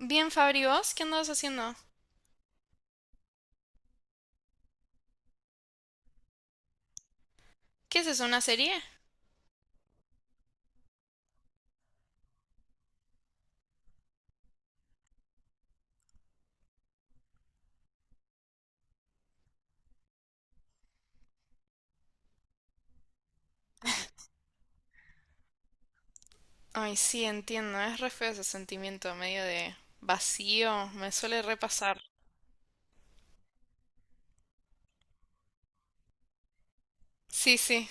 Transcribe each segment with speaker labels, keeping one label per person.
Speaker 1: Bien, Fabri, ¿vos qué andabas haciendo? ¿Qué es eso, una serie? Ay, sí, entiendo, es re feo ese sentimiento medio de vacío, me suele repasar. Sí, sí,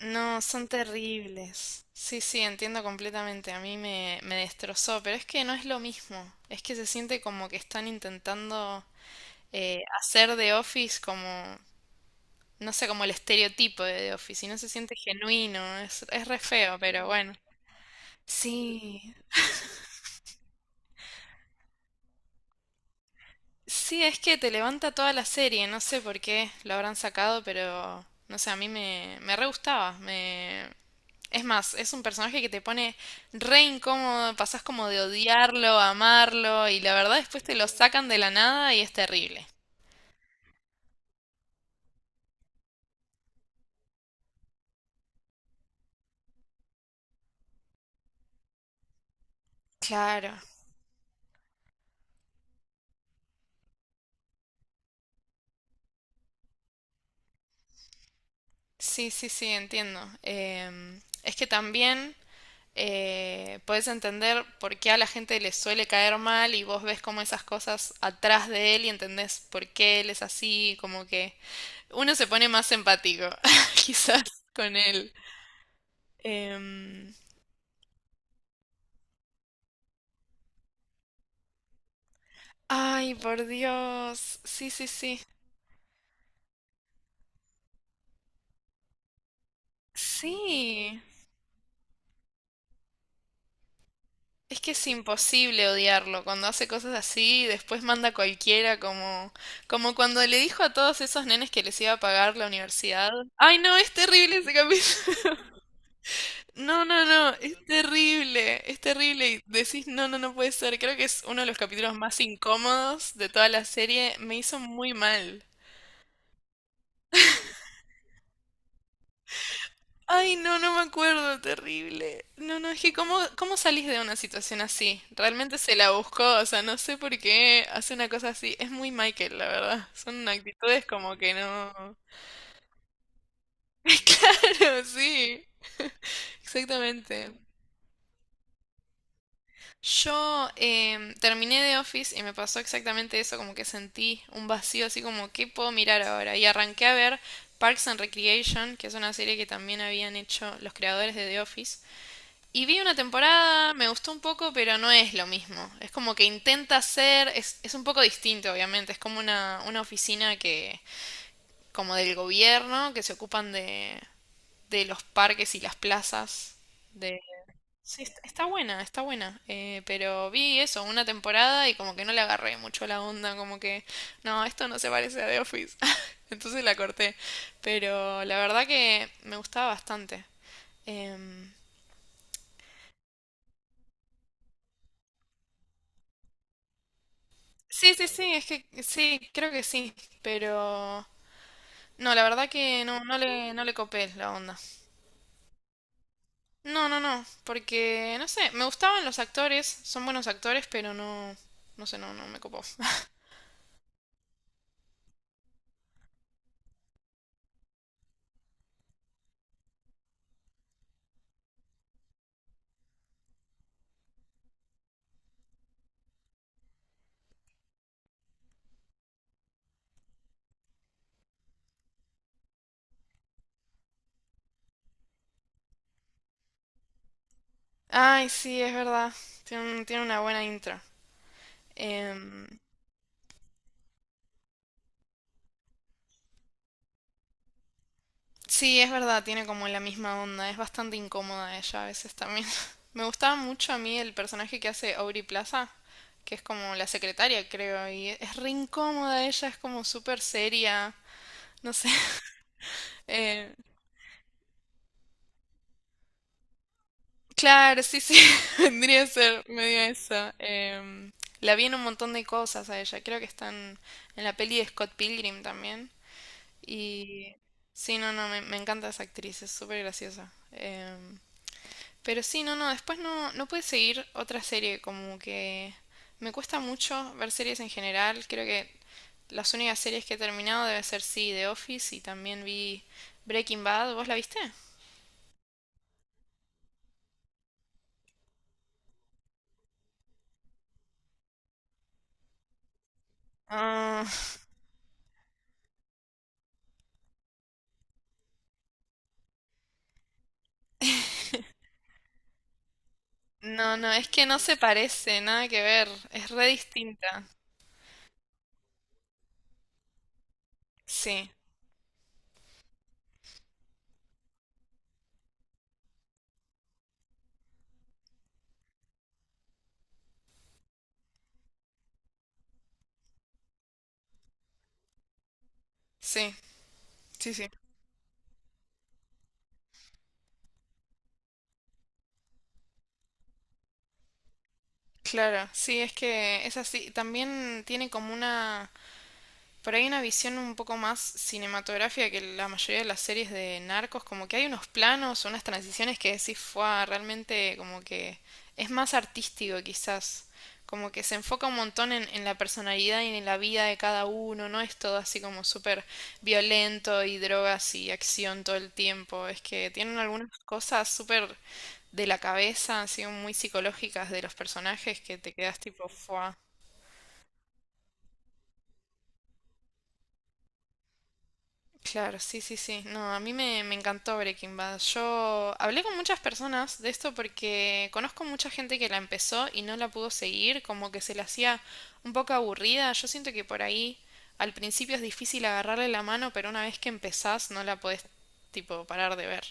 Speaker 1: no, son terribles. Sí, sí, entiendo completamente, a mí me destrozó, pero es que no es lo mismo, es que se siente como que están intentando hacer de Office como, no sé, como el estereotipo de The Office, y no se siente genuino, es re feo, pero bueno. Sí, sí, es que te levanta toda la serie, no sé por qué lo habrán sacado, pero no sé, a mí me re gustaba. Me... Es más, es un personaje que te pone re incómodo, pasás como de odiarlo a amarlo, y la verdad después te lo sacan de la nada y es terrible. Claro, sí, sí, sí, entiendo. Es que también puedes entender por qué a la gente le suele caer mal y vos ves como esas cosas atrás de él y entendés por qué él es así, como que uno se pone más empático, quizás, con él. Em, Ay, por Dios. Sí, sí, sí. Sí. Es que es imposible odiarlo. Cuando hace cosas así, después manda a cualquiera como, como cuando le dijo a todos esos nenes que les iba a pagar la universidad. Ay, no, es terrible ese capítulo. No, no, no, es terrible, es terrible. Y decís, no, no, no puede ser. Creo que es uno de los capítulos más incómodos de toda la serie. Me hizo muy mal. Ay, no, no me acuerdo, terrible. No, no, es que ¿cómo, cómo salís de una situación así? Realmente se la buscó, o sea, no sé por qué hace una cosa así. Es muy Michael, la verdad. Son actitudes como que no... Claro, sí, exactamente. Yo, terminé de Office y me pasó exactamente eso, como que sentí un vacío así como, ¿qué puedo mirar ahora? Y arranqué a ver Parks and Recreation, que es una serie que también habían hecho los creadores de The Office. Y vi una temporada, me gustó un poco, pero no es lo mismo. Es como que intenta ser, es un poco distinto, obviamente. Es como una oficina que, como del gobierno, que se ocupan de los parques y las plazas. De... Sí, está buena, está buena. Pero vi eso, una temporada y como que no le agarré mucho la onda, como que, no, esto no se parece a The Office. Entonces la corté. Pero la verdad que me gustaba bastante. Em, Sí, sí, sí, es que sí, creo que sí, pero no, la verdad que no, no le, no le copé la onda. No, no, no, porque no sé, me gustaban los actores, son buenos actores, pero no, no sé, no, no me copó. Ay, sí, es verdad, tiene, tiene una buena intro. Em, sí, es verdad, tiene como la misma onda, es bastante incómoda ella a veces también. Me gustaba mucho a mí el personaje que hace Aubrey Plaza, que es como la secretaria, creo, y es re incómoda ella, es como súper seria. No sé. Eh, claro, sí, sí, vendría a ser medio eso. La vi en un montón de cosas a ella. Creo que están en la peli de Scott Pilgrim también. Y sí, no, no, me encanta esa actriz, es súper graciosa. Pero sí, no, no, después no, no pude seguir otra serie, como que me cuesta mucho ver series en general. Creo que las únicas series que he terminado debe ser sí, The Office y también vi Breaking Bad. ¿Vos la viste? Ah, no, no, es que no se parece, nada que ver, es re distinta. Sí, sí, sí, sí, claro, sí, es que es así. También tiene como una... Por ahí una visión un poco más cinematográfica que la mayoría de las series de narcos, como que hay unos planos, unas transiciones que decís, fue realmente como que es más artístico quizás, como que se enfoca un montón en la personalidad y en la vida de cada uno, no es todo así como súper violento y drogas y acción todo el tiempo, es que tienen algunas cosas súper de la cabeza, así muy psicológicas de los personajes que te quedas tipo, fue. Claro, sí, sí, sí. No, a mí me encantó Breaking Bad. Yo hablé con muchas personas de esto porque conozco mucha gente que la empezó y no la pudo seguir, como que se la hacía un poco aburrida. Yo siento que por ahí al principio es difícil agarrarle la mano, pero una vez que empezás no la podés tipo parar de ver.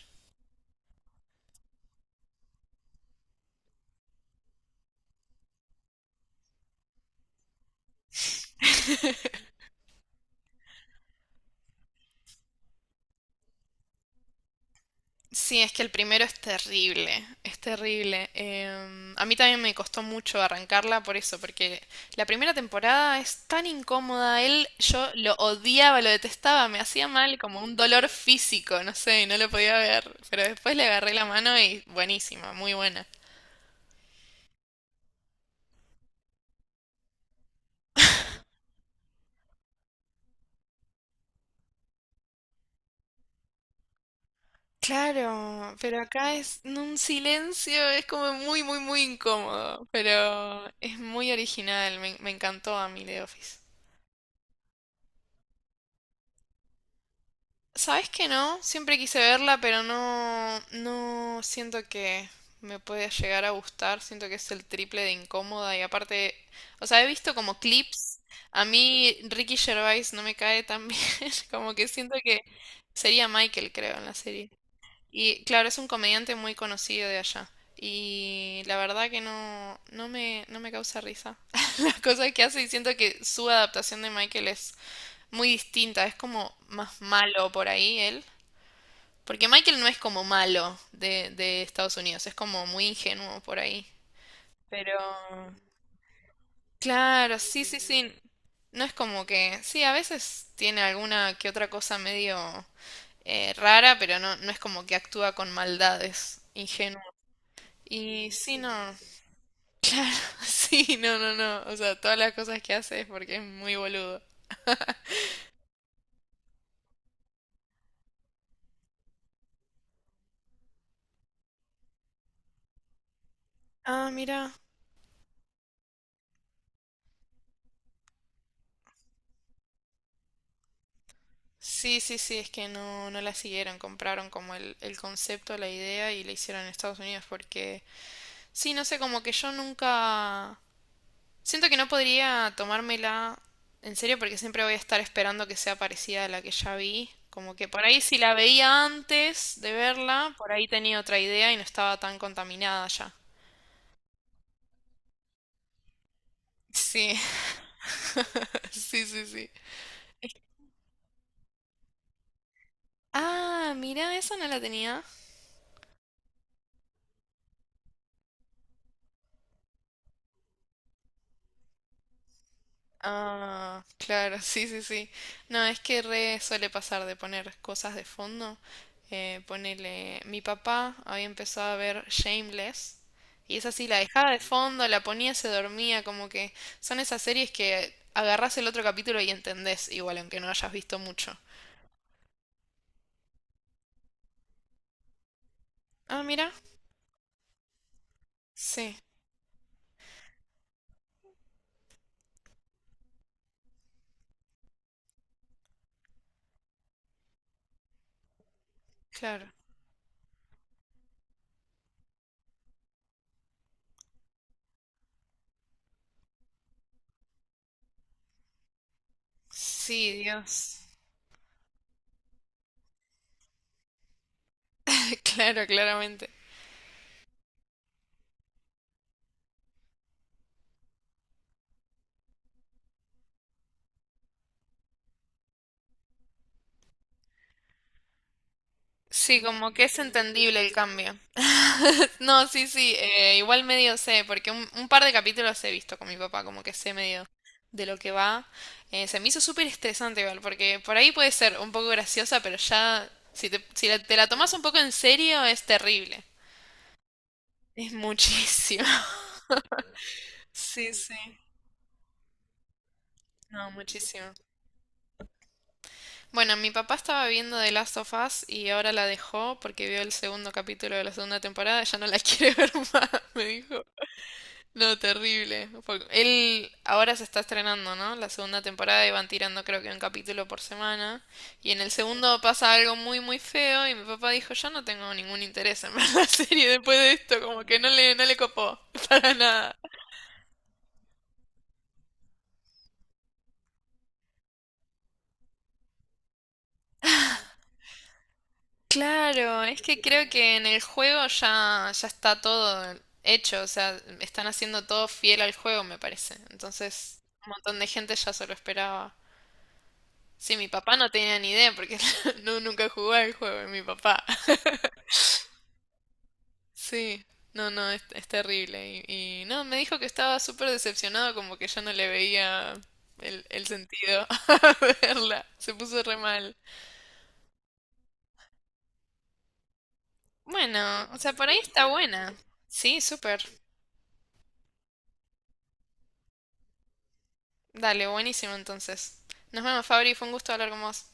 Speaker 1: Sí, es que el primero es terrible, es terrible. A mí también me costó mucho arrancarla por eso, porque la primera temporada es tan incómoda. Él, yo lo odiaba, lo detestaba, me hacía mal, como un dolor físico, no sé, no lo podía ver. Pero después le agarré la mano y buenísima, muy buena. Claro, pero acá es en un silencio, es como muy, muy, muy incómodo. Pero es muy original, me encantó a mí The Office. ¿Sabes que no? Siempre quise verla, pero no, no siento que me pueda llegar a gustar. Siento que es el triple de incómoda y aparte, o sea, he visto como clips. A mí Ricky Gervais no me cae tan bien, como que siento que sería Michael, creo, en la serie. Y claro, es un comediante muy conocido de allá. Y la verdad que no, no me, no me causa risa. Las cosas que hace y siento que su adaptación de Michael es muy distinta, es como más malo por ahí él. Porque Michael no es como malo de Estados Unidos, es como muy ingenuo por ahí. Pero... Claro, sí, sí, sí. No es como que... Sí, a veces tiene alguna que otra cosa medio rara, pero no, no es como que actúa con maldades, ingenuo. Y sí, no. Sí, no, no, no. O sea, todas las cosas que hace es porque es muy boludo. Ah, mira. Sí, sí, sí, es que no, no la siguieron, compraron como el concepto, la idea y la hicieron en Estados Unidos porque sí, no sé, como que yo nunca... Siento que no podría tomármela en serio porque siempre voy a estar esperando que sea parecida a la que ya vi. Como que por ahí si la veía antes de verla, por ahí tenía otra idea y no estaba tan contaminada ya. Sí, sí, sí, sí. Ah, mira, esa no la tenía. Ah, claro, sí, sí, sí. No, es que re suele pasar de poner cosas de fondo. Ponele, mi papá había empezado a ver Shameless y esa sí la dejaba de fondo, la ponía, se dormía, como que son esas series que agarrás el otro capítulo y entendés, igual aunque no hayas visto mucho. Ah, mira, sí, claro. Sí, Dios. Claro, claramente. Sí, como que es entendible el cambio. No, sí, sí, igual medio sé, porque un par de capítulos he visto con mi papá, como que sé medio de lo que va. Se me hizo súper estresante igual, porque por ahí puede ser un poco graciosa, pero ya, si te, si la- te la tomas un poco en serio, es terrible. Es muchísimo. Sí, sí. No, muchísimo. Bueno, mi papá estaba viendo The Last of Us y ahora la dejó porque vio el segundo capítulo de la segunda temporada, ya no la quiere ver más, me dijo. No, terrible. Él ahora se está estrenando, ¿no? La segunda temporada y van tirando creo que un capítulo por semana. Y en el segundo pasa algo muy, muy feo y mi papá dijo, yo no tengo ningún interés en ver la serie después de esto, como que no le, no le copó para nada. Claro, es que creo que en el juego ya, ya está todo hecho, o sea, están haciendo todo fiel al juego, me parece. Entonces, un montón de gente ya se lo esperaba. Sí, mi papá no tenía ni idea porque no, nunca jugó al juego, mi papá. Sí, no, no, es terrible. Y no, me dijo que estaba súper decepcionado, como que ya no le veía el sentido a verla. Se puso re mal. Bueno, o sea, por ahí está buena. Sí, súper. Dale, buenísimo entonces. Nos vemos, Fabri, fue un gusto hablar con vos.